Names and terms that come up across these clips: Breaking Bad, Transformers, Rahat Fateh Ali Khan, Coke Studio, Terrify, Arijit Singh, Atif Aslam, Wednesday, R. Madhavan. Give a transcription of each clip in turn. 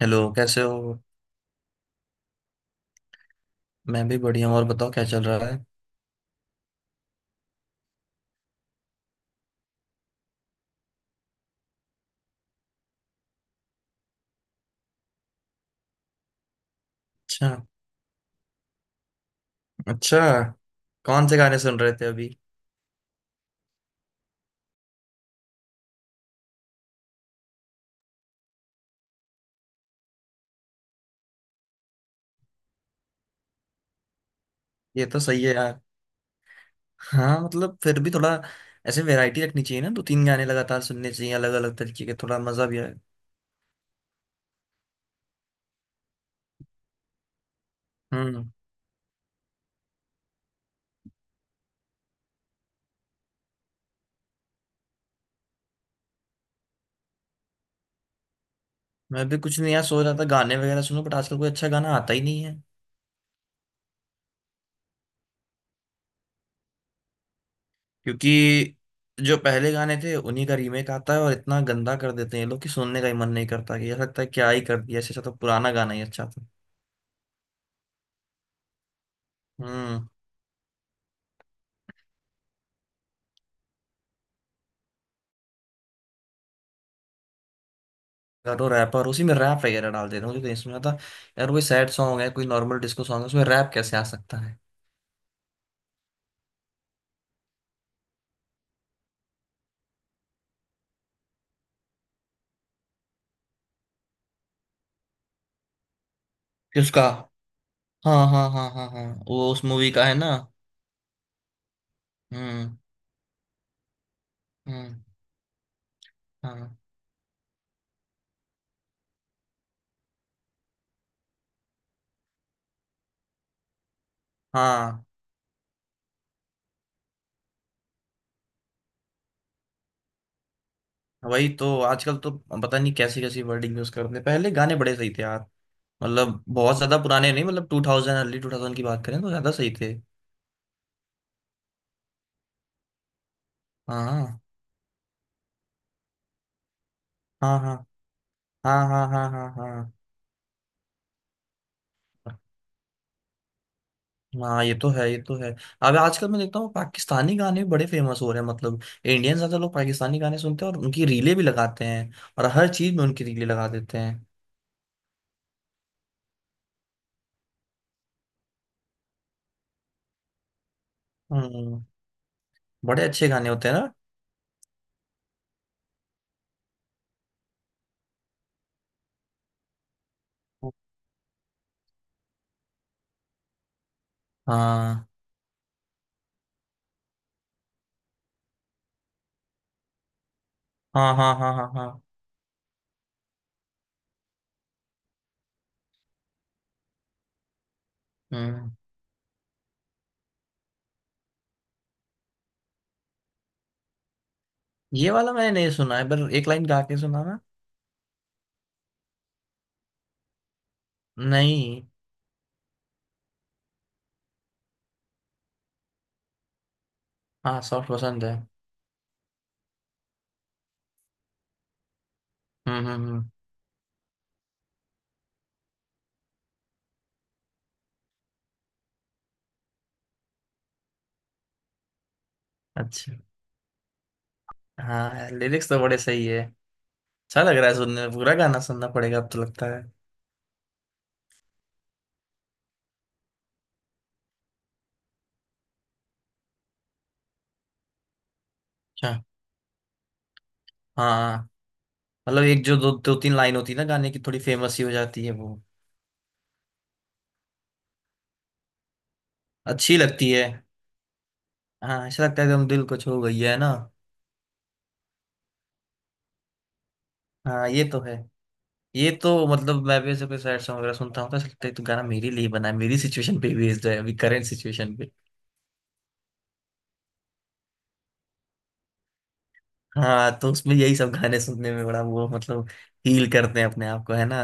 Hello, कैसे हो। मैं भी बढ़िया हूँ। और बताओ, क्या चल रहा है। अच्छा। अच्छा। कौन से गाने सुन रहे थे अभी। ये तो सही है यार। हाँ, मतलब फिर भी थोड़ा ऐसे वैरायटी रखनी चाहिए ना, दो तीन गाने लगातार सुनने चाहिए अलग अलग तरीके के, थोड़ा मजा भी आए। हम्म। मैं भी कुछ नहीं यार, सोच रहा था गाने वगैरह सुनूं, बट आजकल कोई अच्छा गाना आता ही नहीं है। क्योंकि जो पहले गाने थे उन्हीं का रीमेक आता है और इतना गंदा कर देते हैं ये लोग कि सुनने का ही मन नहीं करता, कि ऐसा लगता है क्या ही कर दिया, इससे अच्छा तो पुराना गाना ही अच्छा था। हम्म। करो रैपर उसी में रैप वगैरह डाल देता हूँ, मुझे कहीं सुना था। यार, कोई सैड सॉन्ग है, कोई नॉर्मल डिस्को सॉन्ग है, उसमें रैप कैसे आ सकता है। कि उसका हाँ हाँ हाँ हाँ हाँ, वो उस मूवी का है ना। हम्म। हम्म। हाँ हाँ। वही तो, आजकल तो पता नहीं कैसी कैसी वर्डिंग यूज करते हैं, पहले गाने बड़े सही थे यार। मतलब बहुत ज्यादा पुराने नहीं, मतलब 2000, अर्ली 2000 की बात करें तो ज्यादा सही थे। हाँ हाँ हाँ हाँ हाँ हाँ, हाँ हाँ हाँ हाँ, ये तो है, ये तो है। अब आजकल मैं देखता हूँ पाकिस्तानी गाने भी बड़े फेमस हो रहे हैं, मतलब इंडियन ज्यादा लोग पाकिस्तानी गाने सुनते हैं और उनकी रीलें भी लगाते हैं। और हर चीज में उनकी रीलें लगा देते हैं। हम्म। बड़े अच्छे गाने होते हैं ना। हाँ हाँ हाँ हाँ हाँ हाँ। हम्म। ये वाला मैंने नहीं सुना है, पर एक लाइन गा के सुना ना। नहीं। हाँ, सॉफ्ट पसंद है। हम्म हम्म हम्म, अच्छा। हाँ, लिरिक्स तो बड़े सही है। अच्छा लग रहा है सुनने में, पूरा गाना सुनना पड़ेगा अब तो लगता है। अच्छा। हाँ, मतलब एक जो दो दो तीन लाइन होती है ना गाने की, थोड़ी फेमस ही हो जाती है वो, अच्छी लगती है। हाँ ऐसा लगता है एकदम दिल को छू गई है ना। हाँ ये तो है। ये तो मतलब मैं भी ऐसे कोई सैड सॉन्ग वगैरह सुनता हूँ तो ऐसा लगता है तो गाना मेरे लिए बना है, मेरी सिचुएशन पे बेस्ड है, अभी करंट सिचुएशन पे। हाँ, तो उसमें यही सब गाने सुनने में बड़ा वो मतलब, हील करते हैं अपने आप को है ना।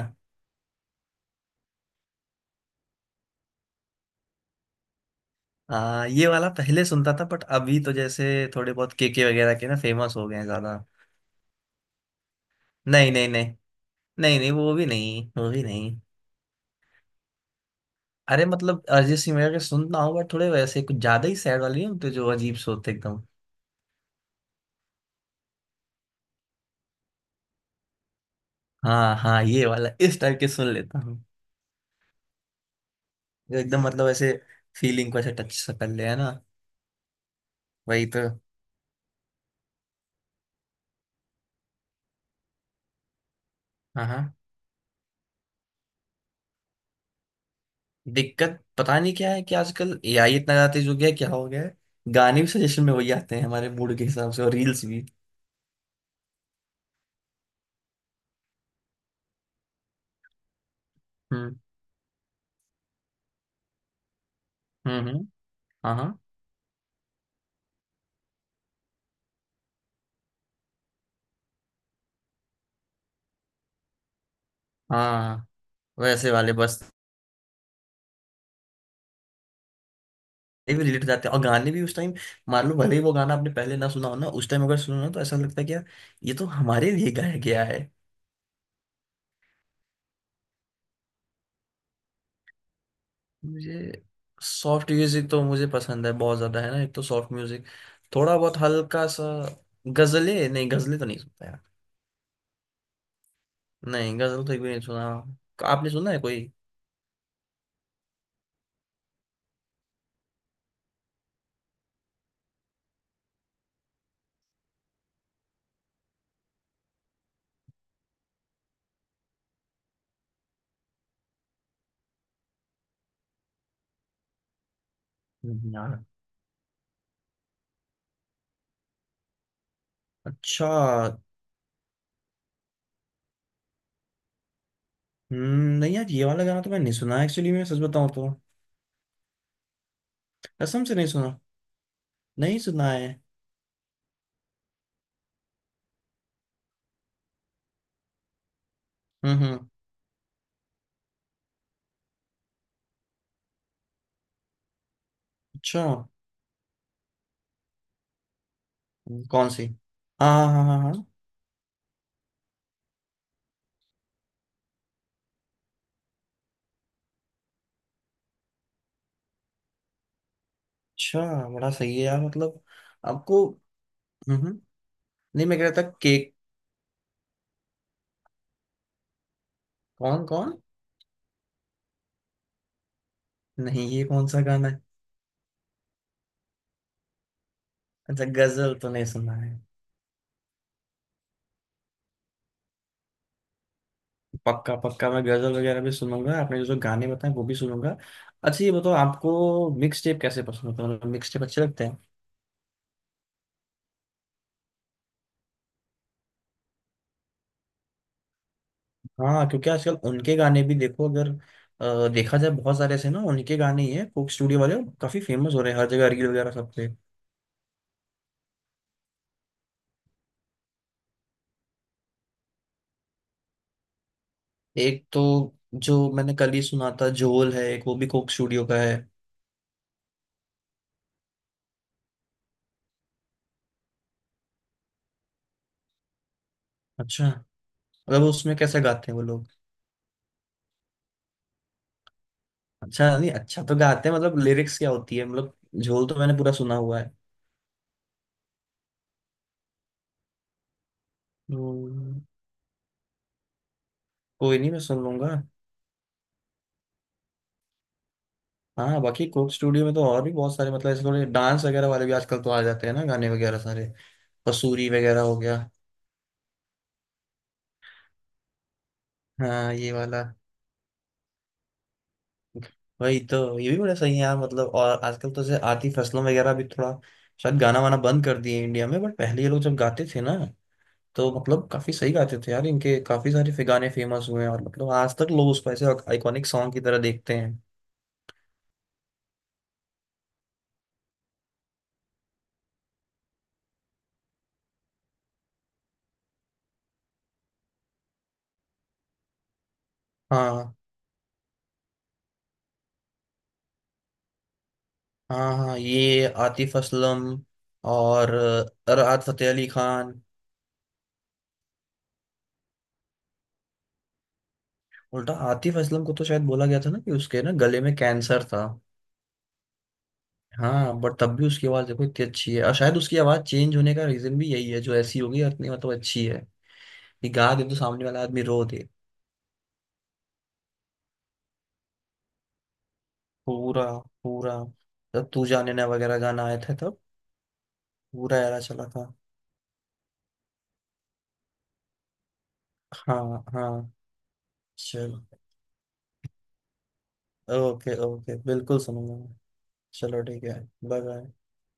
हाँ, ये वाला पहले सुनता था बट अभी तो जैसे थोड़े बहुत केके वगैरह के ना फेमस हो गए हैं ज्यादा। नहीं नहीं नहीं, नहीं नहीं वो भी नहीं, वो भी नहीं। अरे मतलब अरिजीत सिंह वगैरह के सुनता हूँ बट थोड़े वैसे कुछ ज्यादा ही सैड वाले नहीं होते जो अजीब से होते एकदम। हाँ हाँ, ये वाला इस टाइप के सुन लेता हूँ, जो एकदम मतलब ऐसे फीलिंग को ऐसे टच सा कर ले है ना। वही तो। हाँ हाँ। दिक्कत पता नहीं क्या है कि आजकल एआई इतना ज्यादा तेज हो गया है, क्या हो गया है। गाने भी सजेशन में वही आते हैं हमारे मूड के हिसाब से, और रील्स भी। हम्म हम्म हम्म, हाँ हाँ हाँ। वैसे वाले बस, भी रिलेट जाते हैं और गाने भी उस टाइम। मान लो भले ही वो गाना आपने पहले ना सुना हो ना, उस टाइम अगर सुनो ना तो ऐसा लगता है कि यार ये तो हमारे लिए गाया गया है। मुझे सॉफ्ट म्यूजिक तो मुझे पसंद है बहुत ज्यादा है ना, एक तो सॉफ्ट म्यूजिक, थोड़ा बहुत हल्का सा। गजलें नहीं, गजलें तो नहीं सुनता यार। नहीं, गजल तो एक भी नहीं सुना। आपने सुना है कोई। नहीं यार। अच्छा। नहीं यार ये वाला गाना तो मैंने नहीं सुना, एक्चुअली मैं सच बताऊं तो कसम से नहीं सुना। नहीं सुना है। हम्म। अच्छा। कौन सी। हाँ हाँ हाँ हाँ हाँ। अच्छा। बड़ा सही है यार मतलब। आपको। हम्म हम्म। नहीं मैं कह रहा था केक। कौन कौन। नहीं, ये कौन सा गाना है। अच्छा, गजल तो नहीं सुना है। पक्का पक्का, मैं गजल वगैरह भी सुनूंगा, आपने जो जो गाने बताए वो भी सुनूंगा। अच्छा ये बताओ, आपको मिक्स टेप कैसे पसंद होता है, मतलब मिक्स टेप अच्छे लगते हैं। हाँ, क्योंकि आजकल उनके गाने भी देखो अगर देखा जाए बहुत सारे ऐसे ना उनके गाने ही हैं कोक स्टूडियो वाले, काफी फेमस हो रहे हैं हर जगह रील वगैरह सब पे। एक तो जो मैंने कल ही सुना था झोल है, एक वो भी कोक स्टूडियो का है। अच्छा, मतलब उसमें कैसे गाते हैं वो लोग। अच्छा नहीं, अच्छा तो गाते हैं, मतलब लिरिक्स क्या होती है मतलब। झोल तो मैंने पूरा सुना हुआ है। हम्म, कोई नहीं मैं सुन लूंगा। हाँ, बाकी कोक स्टूडियो में तो और भी बहुत सारे मतलब ऐसे थोड़े डांस वगैरह वाले भी आजकल तो आ जाते हैं ना गाने वगैरह सारे। कसूरी वगैरह हो गया। हाँ ये वाला। वही तो, ये भी बड़ा सही है यार मतलब। और आजकल तो जैसे आतिफ असलम वगैरह भी थोड़ा शायद गाना वाना बंद कर दिए इंडिया में, बट पहले ये लोग जब गाते थे ना तो मतलब काफी सही गाते थे यार। इनके काफी सारे गाने फेमस हुए हैं, और मतलब आज तक लोग उसको ऐसे आइकॉनिक सॉन्ग की तरह देखते हैं। हाँ हाँ हाँ, ये आतिफ असलम और राहत फतेह अली खान। उल्टा आतिफ असलम को तो शायद बोला गया था ना कि उसके ना गले में कैंसर था। हाँ, बट तब भी उसकी आवाज देखो इतनी अच्छी है, और शायद उसकी आवाज चेंज होने का रीजन भी यही है, जो ऐसी होगी, इतनी मतलब अच्छी है कि गा दे तो सामने वाला आदमी रो दे। पूरा पूरा, जब तू जाने ना वगैरह गाना आया था तब पूरा एरा चला था। हाँ हाँ। चलो ओके ओके, बिल्कुल सुनूंगा मैं। चलो ठीक है। Bye bye.